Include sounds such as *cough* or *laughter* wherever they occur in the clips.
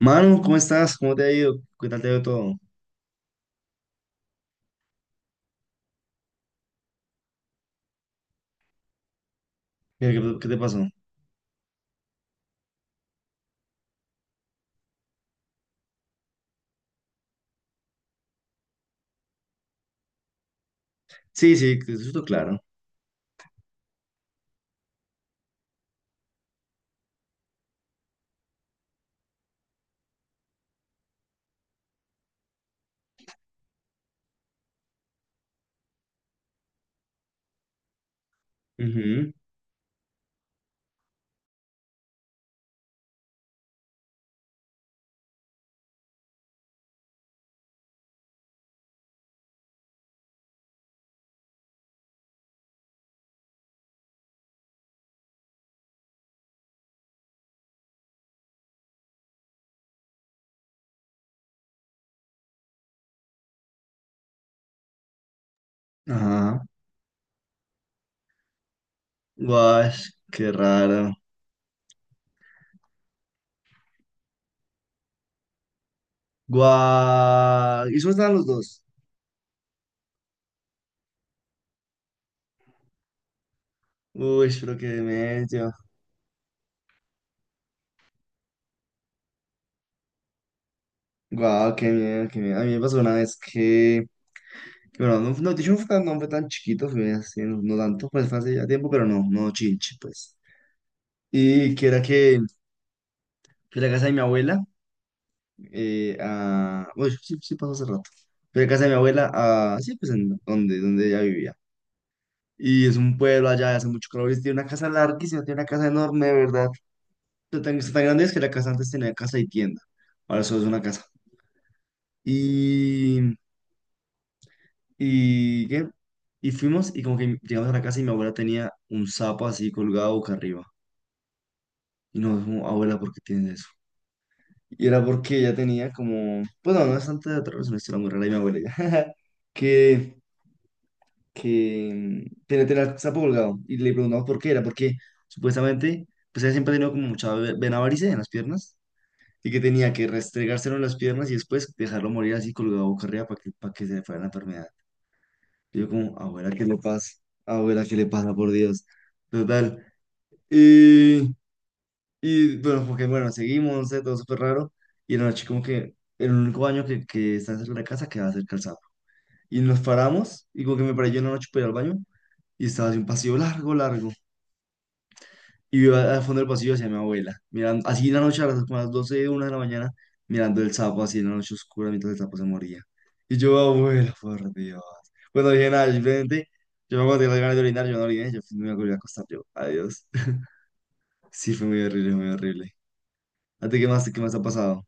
Manu, ¿cómo estás? ¿Cómo te ha ido? ¿Qué tal te ha ido todo? ¿Qué te pasó? Sí, sí, te escucho claro. Ujú. Ajá. Guash, qué raro. Guau. ¿Y cómo estaban los dos? Uy, pero qué medio. Guau, qué miedo, qué miedo. A mí me pasó una vez que bueno, no, no, de hecho no fue tan chiquito, fue así, no, no tanto, pues fue hace ya tiempo, pero no, no chinche, pues. Y que era que fui a la casa de mi abuela. Bueno, sí, sí pasó hace rato. Fui a casa de mi abuela, sí, pues en donde ella vivía. Y es un pueblo allá, hace mucho calor, y tiene una casa larguísima, tiene una casa enorme, de verdad. Está tan, tan grande es que la casa antes tenía casa y tienda. Ahora solo es una casa. Y, ¿qué? Y fuimos y como que llegamos a la casa y mi abuela tenía un sapo así colgado boca arriba. Y nos dijimos, abuela, ¿por qué tienes eso? Y era porque ella tenía como, pues no, no es tanto de otra razón, una historia muy rara de mi abuela, *laughs* que que TNT la, se colgado y le preguntamos por qué era, porque supuestamente pues él siempre ha tenido como mucha vena varice en las piernas y que tenía que restregárselo en las piernas y después dejarlo morir así colgado boca arriba para que se le fuera la enfermedad. Y yo como, abuela, ¿qué le pasa? Abuela, ¿qué le pasa? Por Dios. Total. Y, y bueno, porque bueno, seguimos, no sé, todo súper raro. Y en la noche como que el único baño que está cerca de la casa queda cerca al, y nos paramos, y como que me paré yo en la noche para ir al baño, y estaba así un pasillo largo, largo. Y yo al fondo del pasillo hacia mi abuela, mirando, así en la noche como a las doce una de la mañana, mirando el sapo así en la noche oscura mientras el sapo se moría. Y yo, abuela, por Dios. Bueno, dije nada, simplemente yo me acuerdo de las ganas de orinar, yo no oriné, yo me volví a acostar, yo, adiós. *laughs* Sí, fue muy horrible, muy horrible. ¿A ti qué más ha pasado?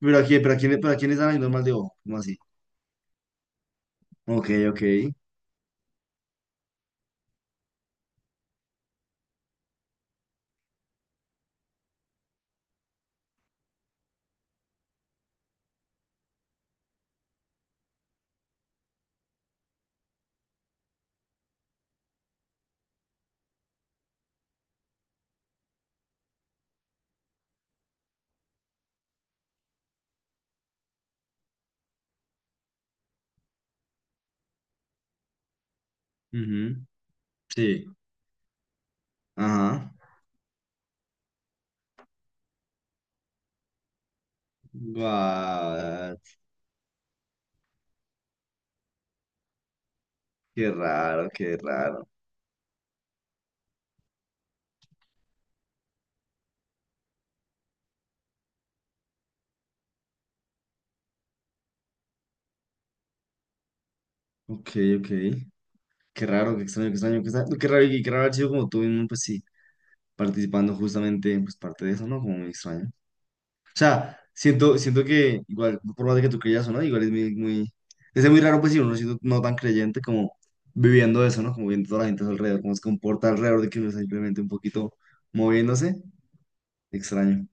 Pero aquí, pero aquí, pero aquí en esa normal de ojo, ¿cómo así? Ok, ok. Ujú. Sí, ajá. Guau, qué raro, qué raro. Ok, ok. Qué raro, qué extraño, qué extraño, qué extraño. Qué raro, y qué raro haber sido como tú mismo, pues sí, participando justamente, pues parte de eso, ¿no? Como muy extraño. O sea, siento que igual, por más de que tú creas o no, igual es muy, muy, es muy raro, pues sí, uno siendo no tan creyente como viviendo eso, ¿no? Como viendo toda la gente a su alrededor, cómo se comporta alrededor de que uno está simplemente un poquito moviéndose. Extraño.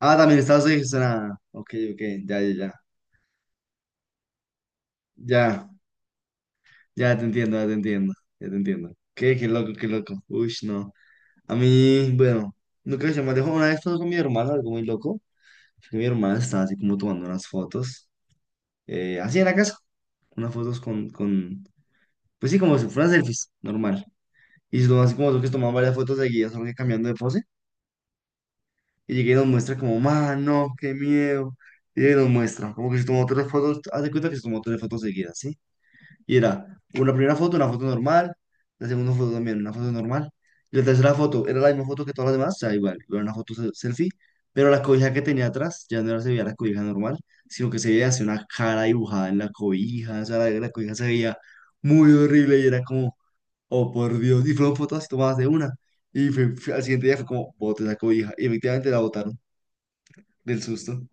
Ah, también estaba sugestionada. Ok, ok, ya, ya, ya. Ya. Ya te entiendo, ya te entiendo, ya te entiendo. Qué loco, qué loco. Uy, no. A mí, bueno, nunca se me dejó una vez estaba con mi hermana, algo muy loco. Que mi hermana estaba así como tomando unas fotos, así en la casa, unas fotos con, pues sí, como si fueran selfies, normal. Y se tomó así como tú que se tomaban varias fotos seguidas, solo que cambiando de pose. Y llegué y nos muestra como, mano, qué miedo. Y ella nos muestra, como que se tomó tres fotos, haz de cuenta que se tomó tres fotos seguidas, ¿sí? Y era una primera foto, una foto normal, la segunda foto también, una foto normal. Y la tercera foto era la misma foto que todas las demás, o sea, igual, una foto selfie, pero la cobija que tenía atrás ya no se veía la cobija normal, sino que se veía así una cara dibujada en la cobija, o sea, la cobija se veía muy horrible y era como, oh por Dios, y fueron fotos así tomadas de una. Y al siguiente día fue como, bote la cobija, y efectivamente la botaron del susto.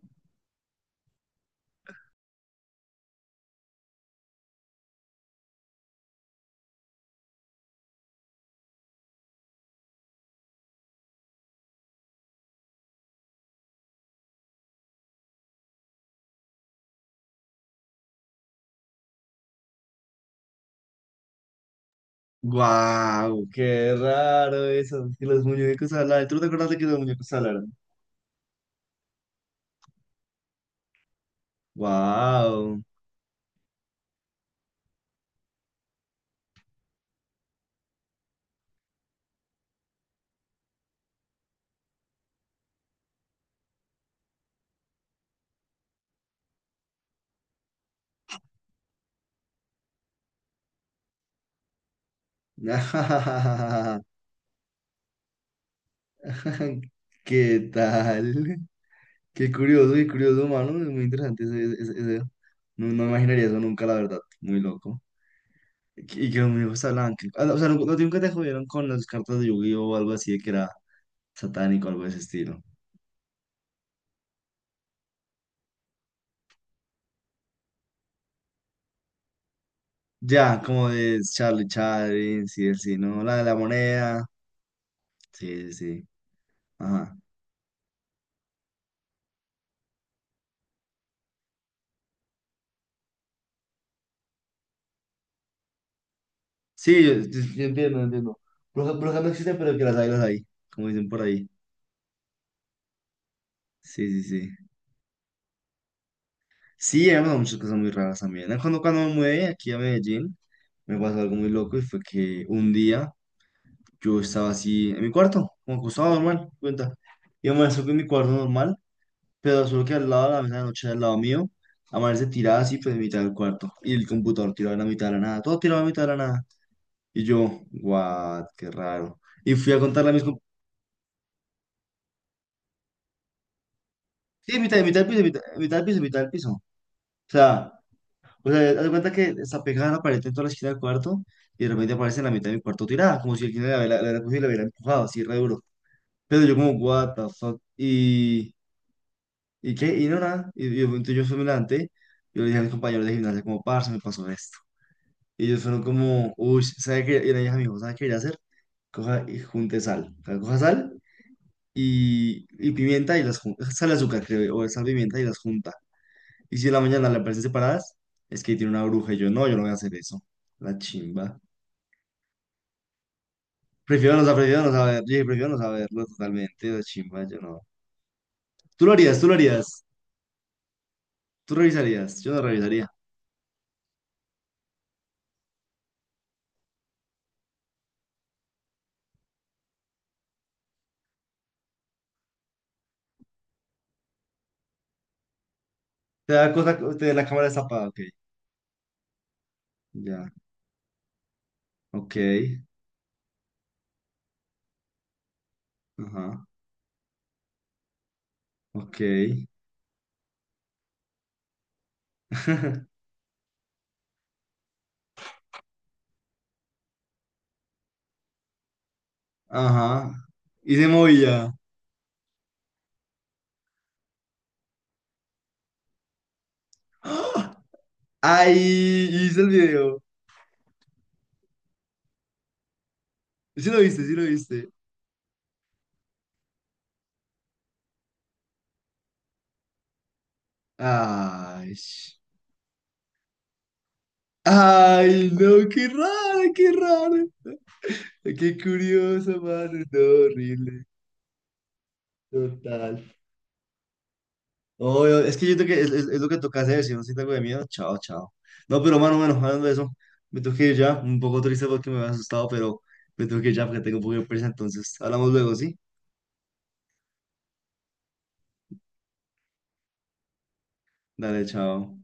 ¡Guau! ¡Qué raro eso! Que los muñecos hablaran. ¿Tú no te acuerdas de que los muñecos hablaran? Wow. *laughs* ¿Qué tal? Qué curioso, mano. Es muy interesante ese. No, no me imaginaría eso nunca, la verdad. Muy loco. Y que los muñecos hablaban. No, o sea, nunca- no, nunca te jodieron con las cartas de Yu-Gi-Oh o algo así de que era satánico, algo de ese estilo. Ya, como de Charlie Chaplin, sí, el sí, ¿no? La de la moneda. Sí, sí, sí. Ajá. Sí, yo entiendo, entiendo. Brujas brujas no existen, pero que las hay, las hay. Como dicen por ahí. Sí, sí, sí. Sí, han pasado muchas cosas muy raras también. Ah, Cuando me mudé aquí a Medellín, me pasó algo muy loco y fue que un día yo estaba así en mi cuarto, como acostado normal, cuenta. Y amaneció en mi cuarto normal, pero solo que al lado de la mesa de noche, al lado mío, amanece tirada así, pues en mitad del cuarto. Y el computador tirado en la mitad de la nada, todo tirado en la mitad de la nada. Y yo, what, qué raro. Y fui a contarle a mis compañeros, sí, en mitad del piso, en mitad del piso, en mitad del piso. Sea, O sea, haz de cuenta que está pegada a la pared en toda la esquina del cuarto y de repente aparece en la mitad de mi cuarto tirada, como si alguien la hubiera cogido y la hubiera empujado, así re duro. Pero yo como, what the fuck, y qué, y no nada, y entonces yo fui y me levanté, yo le dije a mis compañeros de gimnasia como, parce, me pasó esto. Y ellos fueron como, uy, ¿sabe qué? Y la dije a mi ¿sabe qué debería hacer? Coja y junte sal. O sea, coja sal y pimienta y las junta, sal y azúcar creo, o sal, pimienta y las junta. Y si en la mañana le parecen separadas, es que tiene una bruja. Y yo, no, yo no voy a hacer eso. La chimba. Prefiero no saber. Yo dije, prefiero no saberlo totalmente. La chimba, yo no. Tú lo harías, tú lo harías. Tú revisarías. Yo no revisaría. Te da cosa, te, la cámara destapada, ok. Ya, ok. Ajá, ok. *laughs* Ajá. Y se movía. ¡Ah! ¡Ay! Hice el video. Sí lo viste, sí lo viste. Ay. Ay, no, qué raro, qué raro. Qué curioso, mano. No, horrible. Total. Oh, es que yo creo que es lo que toca hacer. Si no siento algo de miedo, chao, chao. No, pero mano, bueno, hablando de eso, me tengo que ir ya. Un poco triste porque me había asustado, pero me tengo que ir ya porque tengo un poco de prisa. Entonces, hablamos luego, ¿sí? Dale, chao.